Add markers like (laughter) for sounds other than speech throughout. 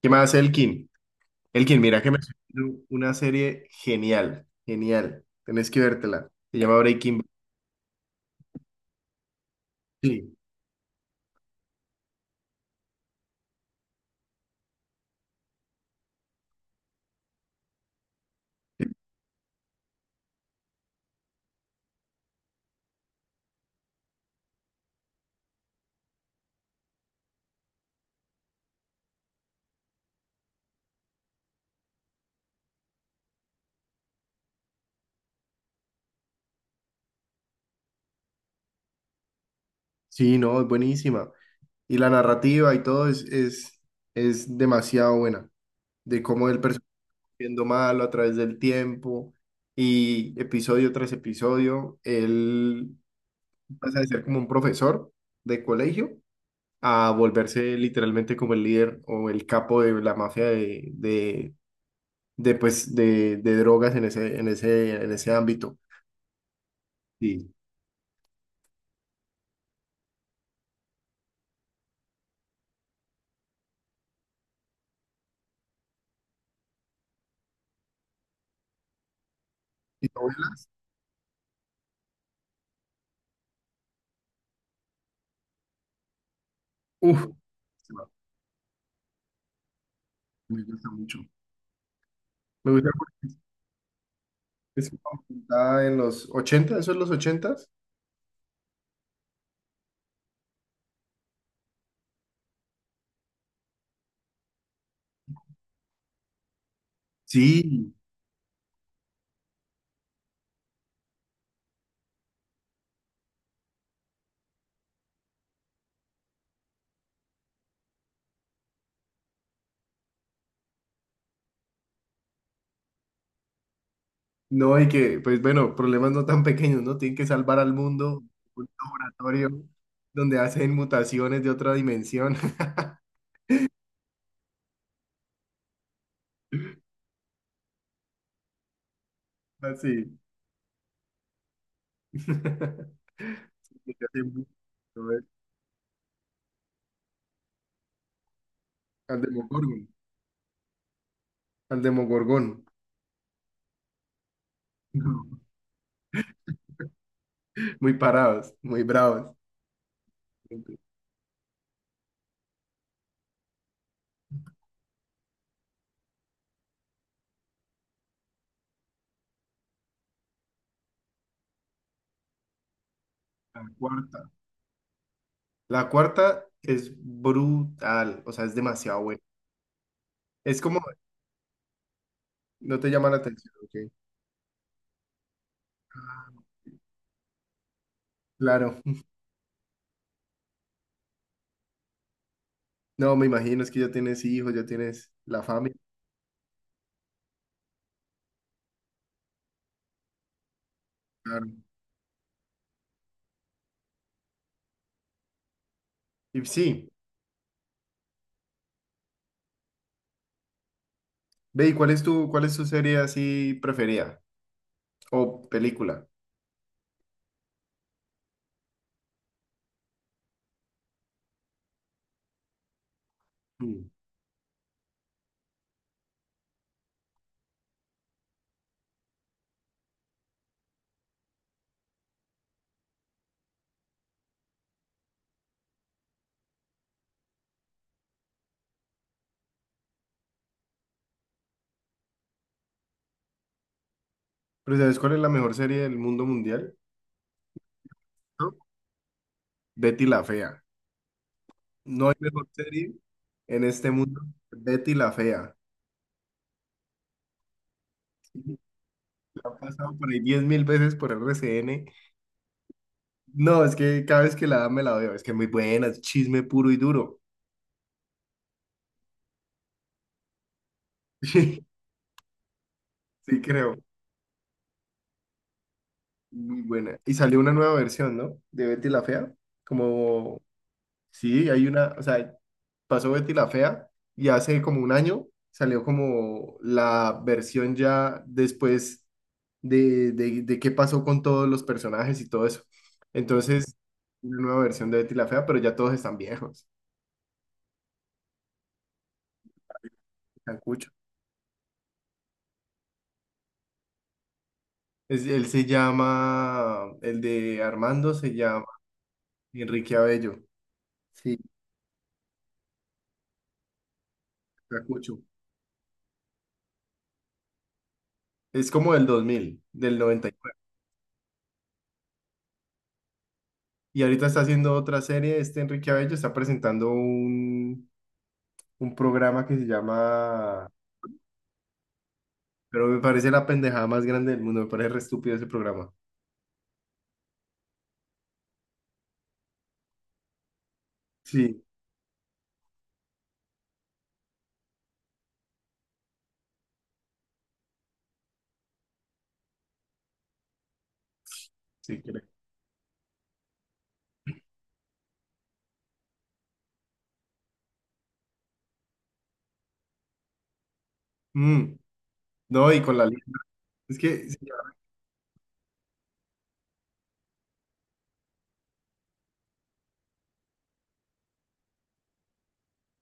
¿Qué más, Elkin? Elkin, mira que me estoy viendo una serie genial, genial. Tenés que vértela. Se llama Breaking Bad. Sí, sí, no, es buenísima. Y la narrativa y todo es demasiado buena. De cómo el personaje va siendo malo a través del tiempo y episodio tras episodio, él pasa de ser como un profesor de colegio a volverse literalmente como el líder o el capo de la mafia de, pues, de drogas en ese ámbito. Sí. Y novelas, uf, se va, me gusta mucho. Me gusta porque es una ambientada en los ochenta. ¿Eso es los 80? Sí, no, y que, pues bueno, problemas no tan pequeños, ¿no? Tienen que salvar al mundo, un laboratorio donde hacen mutaciones de otra dimensión. (laughs) Así. (laughs) Y que hacen bu- ¿No ves? Al Demogorgon. Al Demogorgon. (laughs) Muy parados, muy bravos. Ok. La cuarta. La cuarta es brutal, o sea, es demasiado buena. Es como, no te llama la atención, ¿ok? Claro. No, me imagino, es que ya tienes hijos, ya tienes la familia, claro. Y sí, ve, ¿y cuál es tu serie así preferida? O película. Mm. Pero ¿sabes cuál es la mejor serie del mundo mundial? ¿No? Betty la Fea. No hay mejor serie en este mundo que Betty la Fea. (laughs) La han pasado por ahí 10.000 veces por RCN. No, es que cada vez que la dan me la veo, es que es muy buena, es chisme puro y duro. (laughs) Sí, sí creo, muy buena. Y salió una nueva versión, ¿no? De Betty la Fea. Como, sí, hay una, o sea, pasó Betty la Fea y hace como un año salió como la versión ya después de qué pasó con todos los personajes y todo eso. Entonces, una nueva versión de Betty la Fea, pero ya todos están viejos, están cuchos. Él se llama, el de Armando se llama Enrique Abello. Sí, cacucho. Es como del dos mil, del 99. Y ahorita está haciendo otra serie, este Enrique Abello está presentando un programa que se llama, pero me parece la pendejada más grande del mundo, me parece re estúpido ese programa. Sí, sí, creo. Mm, no. Es que, sí,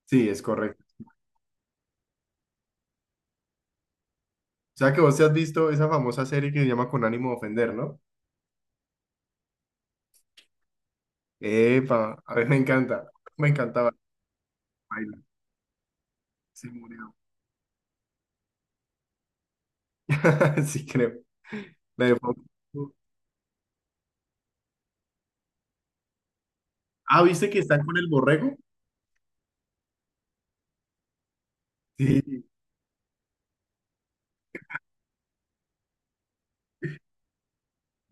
sí, es correcto. O sea que vos te has visto esa famosa serie que se llama Con ánimo de ofender, ¿no? Epa, a mí me encanta, me encantaba. Se murió. (laughs) Sí, creo. La de Fox. Ah, ¿viste que están con el borrego? Sí,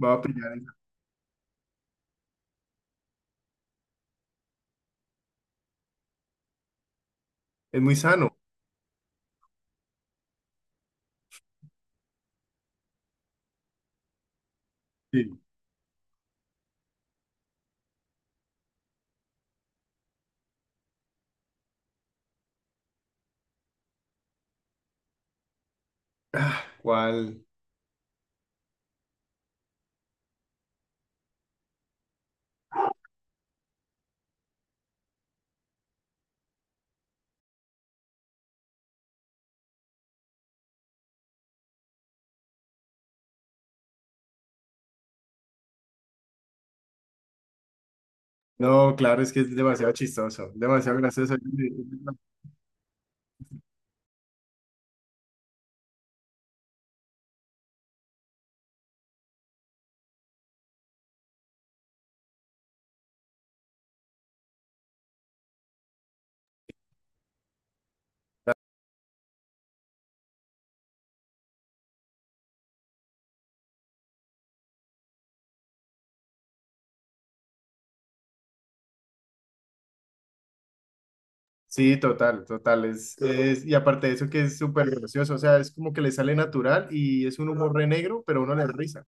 va a pillar esa. Es muy sano. Sí. ¿Cuál? No, claro, es que es demasiado chistoso, demasiado gracioso. Sí, total, total. Y aparte de eso que es súper gracioso, o sea, es como que le sale natural y es un humor re negro, pero uno le da risa.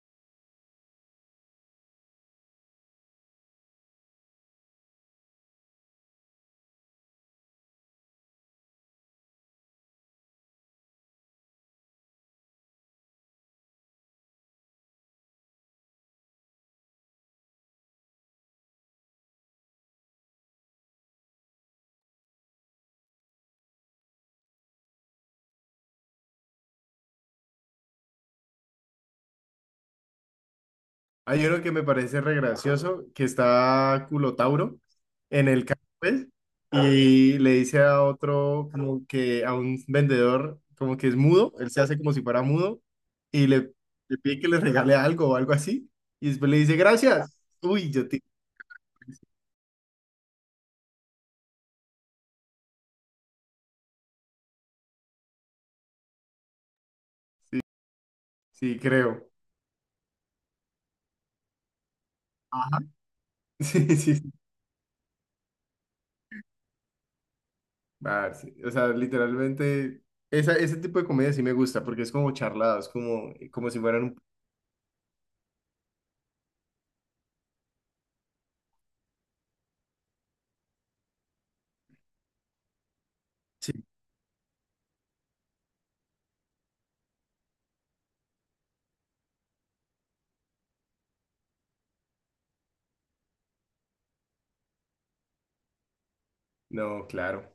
Hay uno que me parece re gracioso, que está Culotauro en el carro, pues, y le dice a otro, como que a un vendedor, como que es mudo, él se hace como si fuera mudo, y le pide que le regale algo o algo así, y después le dice, gracias. Uy, yo te... Sí, creo. Ajá. (laughs) Sí, sí. Sí. Ah, sí. O sea, literalmente, esa, ese tipo de comedia sí me gusta, porque es como charladas, como si fueran un... Sí. No, claro.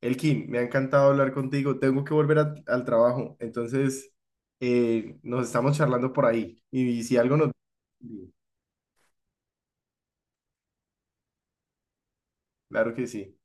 Elkin, me ha encantado hablar contigo. Tengo que volver al trabajo, entonces nos estamos charlando por ahí. Y, si algo nos... Claro que sí.